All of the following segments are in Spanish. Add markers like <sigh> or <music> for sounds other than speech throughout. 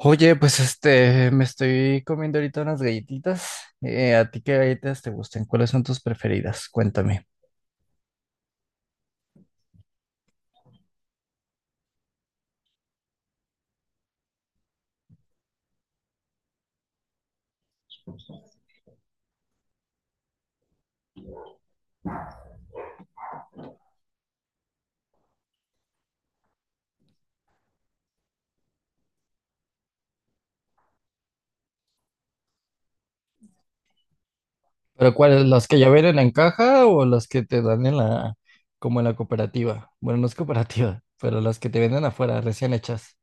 Oye, pues me estoy comiendo ahorita unas galletitas. ¿A ti qué galletas te gustan? ¿Cuáles son tus preferidas? Cuéntame. ¿Pero cuáles? ¿Las que ya vienen en caja o las que te dan en como en la cooperativa? Bueno, no es cooperativa, <laughs> pero las que te venden afuera, recién hechas.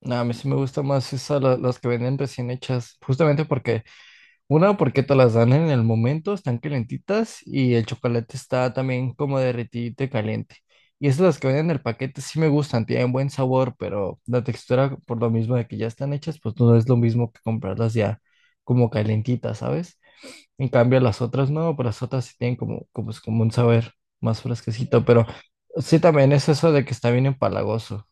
No, a mí sí me gusta más esa, las que venden recién hechas, justamente porque una, porque te las dan en el momento, están calentitas y el chocolate está también como derretido y caliente. Y esas las que vienen en el paquete sí me gustan, tienen buen sabor, pero la textura, por lo mismo de que ya están hechas, pues no es lo mismo que comprarlas ya como calentitas, ¿sabes? En cambio, las otras no, pero las otras sí tienen como es como un saber más fresquecito, pero sí también es eso de que está bien empalagoso.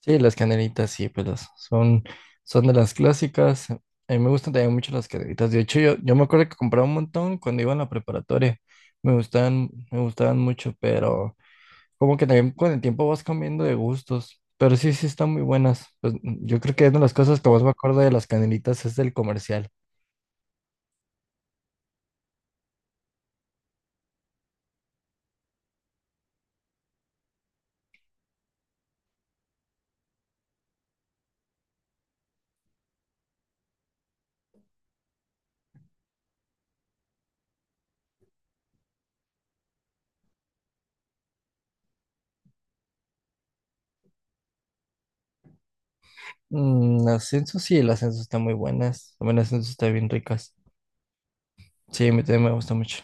Sí, las canelitas, sí, pues son de las clásicas. A mí me gustan también mucho las canelitas. De hecho, yo me acuerdo que compraba un montón cuando iba en la preparatoria. Me gustaban mucho, pero como que también con el tiempo vas cambiando de gustos. Pero sí, sí están muy buenas. Pues yo creo que es una de las cosas que más me acuerdo de las canelitas es del comercial. Mm, las Censo, sí, las ascenso están muy buenas. También las Censo están bien ricas. Sí, a mí también me gusta mucho.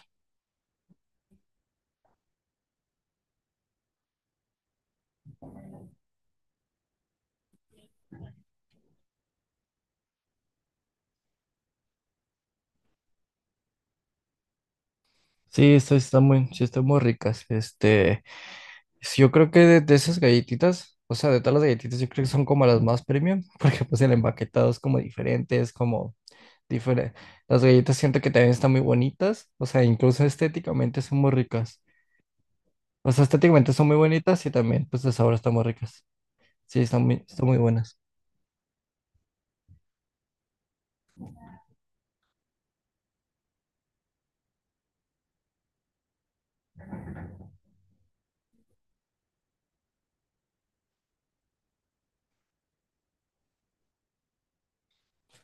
Sí, sí, están muy ricas. Sí, yo creo que de esas galletitas, o sea, de todas las galletitas, yo creo que son como las más premium, <laughs> porque pues el empaquetado es como diferente. Las galletas siento que también están muy bonitas, o sea, incluso estéticamente son muy ricas. O sea, estéticamente son muy bonitas y también, pues, de sabor están muy ricas. Sí, están muy buenas.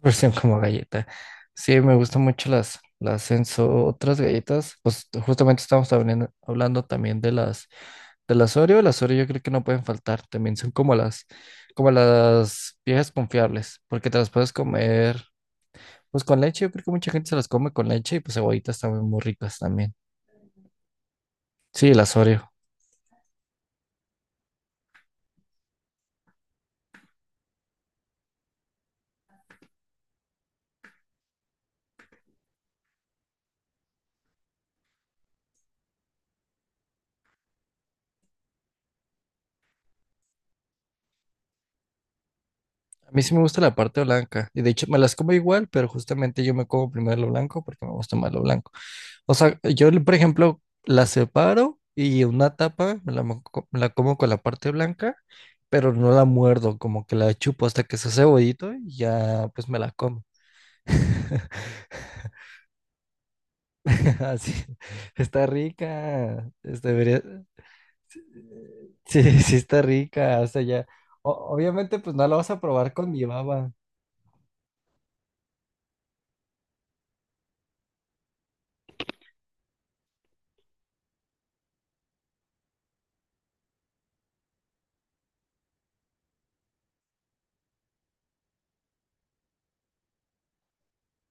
Versión como galleta. Sí, me gustan mucho las Enzo, otras galletas. Pues justamente estamos hablando también de las del Asorio, el Asorio yo creo que no pueden faltar. También son como como las viejas confiables, porque te las puedes comer pues con leche. Yo creo que mucha gente se las come con leche y pues cebollitas también muy ricas también. Sí, el Asorio. A mí sí me gusta la parte blanca. Y de hecho me las como igual, pero justamente yo me como primero lo blanco porque me gusta más lo blanco. O sea, yo por ejemplo la separo y una tapa me la como con la parte blanca, pero no la muerdo, como que la chupo hasta que se hace cebollito y ya pues me la como. <laughs> Así, está rica. Sí, sí está rica. O sea, ya. Obviamente, pues no la vas a probar con mi baba.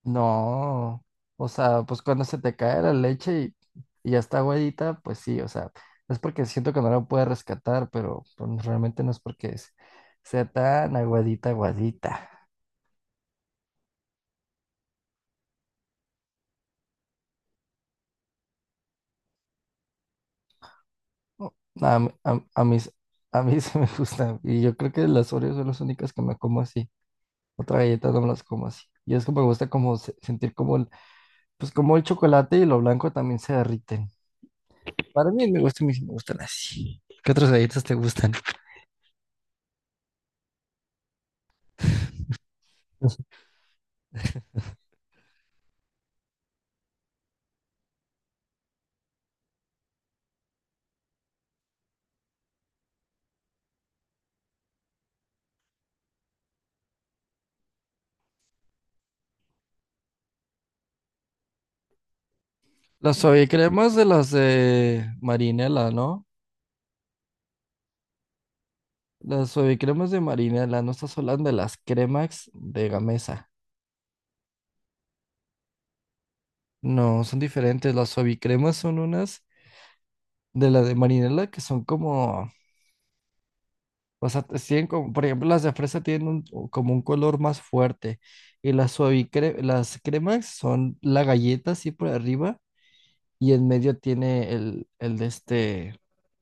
No. O sea, pues cuando se te cae la leche y ya está aguadita, pues sí, o sea, es porque siento que no la puede rescatar, pero pues, realmente no es porque sea tan aguadita, aguadita. No, A, mí- a, a mí, a mí <laughs> se me gusta. Y yo creo que las Oreos son las únicas que me como así. Otra galleta no me las como así. Y es que me gusta como sentir como pues como el chocolate y lo blanco también se derriten. Para mí me gusta, me gustan así. ¿Qué otras galletas te gustan? <laughs> Las suavicremas de las de Marinela, ¿no? Las suavicremas de Marinela, no estás hablando de las cremax de Gamesa. No, son diferentes. Las suavicremas son unas de las de Marinela que son como... O sea, tienen como, por ejemplo, las de fresa tienen un- o como un color más fuerte y las cremas son la galleta así por arriba y en medio tiene el de este,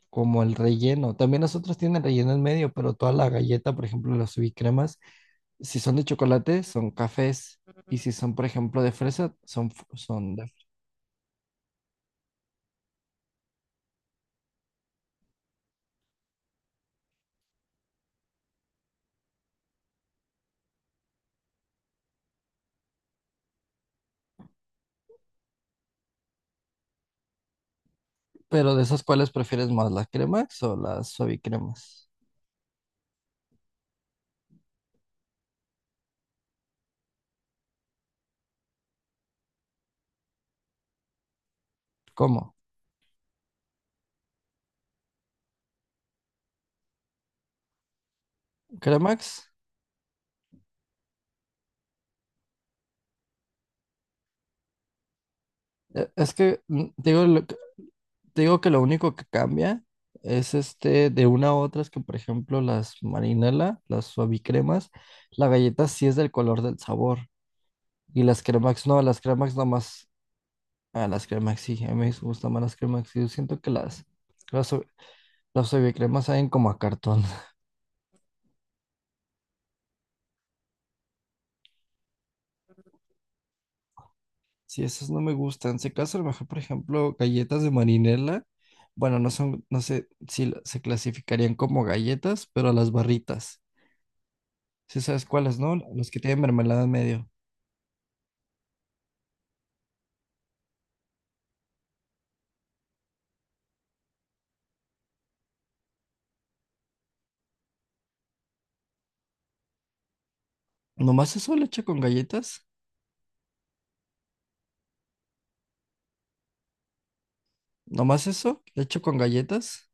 como el relleno. También las otras tienen relleno en medio, pero toda la galleta, por ejemplo, las suavicremas, si son de chocolate, son cafés, y si son, por ejemplo, de fresa, son, son de... Pero de esas, ¿cuáles prefieres más, las cremas o las suavicremas? ¿Cómo? ¿Cremax? Es que, digo, te digo que lo único que cambia es este de una a otra es que, por ejemplo, las marinela, las suavicremas, la galleta sí es del color del sabor. Y las cremax no, las cremax nomás. Ah, las cremax sí, a mí me gustan más las cremax. Yo siento que las, sua- las suavicremas saben como a cartón. <laughs> Sí, esas no me gustan. Si acaso, a lo mejor, por ejemplo, galletas de marinela, bueno, no son, no sé si se clasificarían como galletas, pero las barritas. Sí sabes cuáles, ¿no? Las que tienen mermelada en medio. ¿Nomás eso le echo con galletas? ¿Nomás eso le echo con galletas?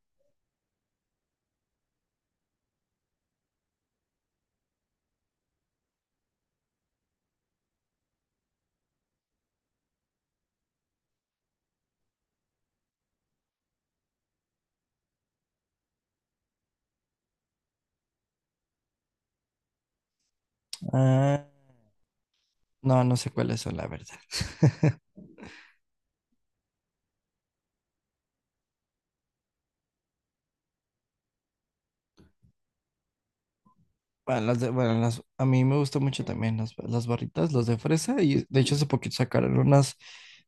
Ah, no, no sé cuáles son, la verdad. <laughs> Bueno, las de- bueno, las- a mí me gustan mucho también las barritas, las de fresa, y de hecho hace poquito sacaron unas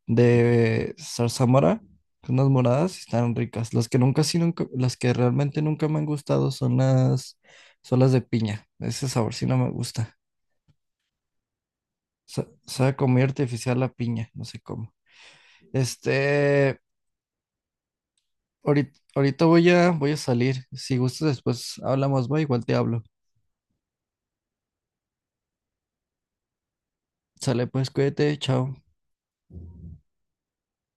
de zarzamora, unas moradas, y están ricas. Las que nunca, sí, nunca, las que realmente nunca me han gustado son son las de piña. Ese sabor sí no me gusta. Sabe como muy artificial la piña, no sé cómo. Este, Ahorita, ahorita voy a salir. Si gustas, después hablamos, va, igual te hablo. Sale, pues, cuídate, chao.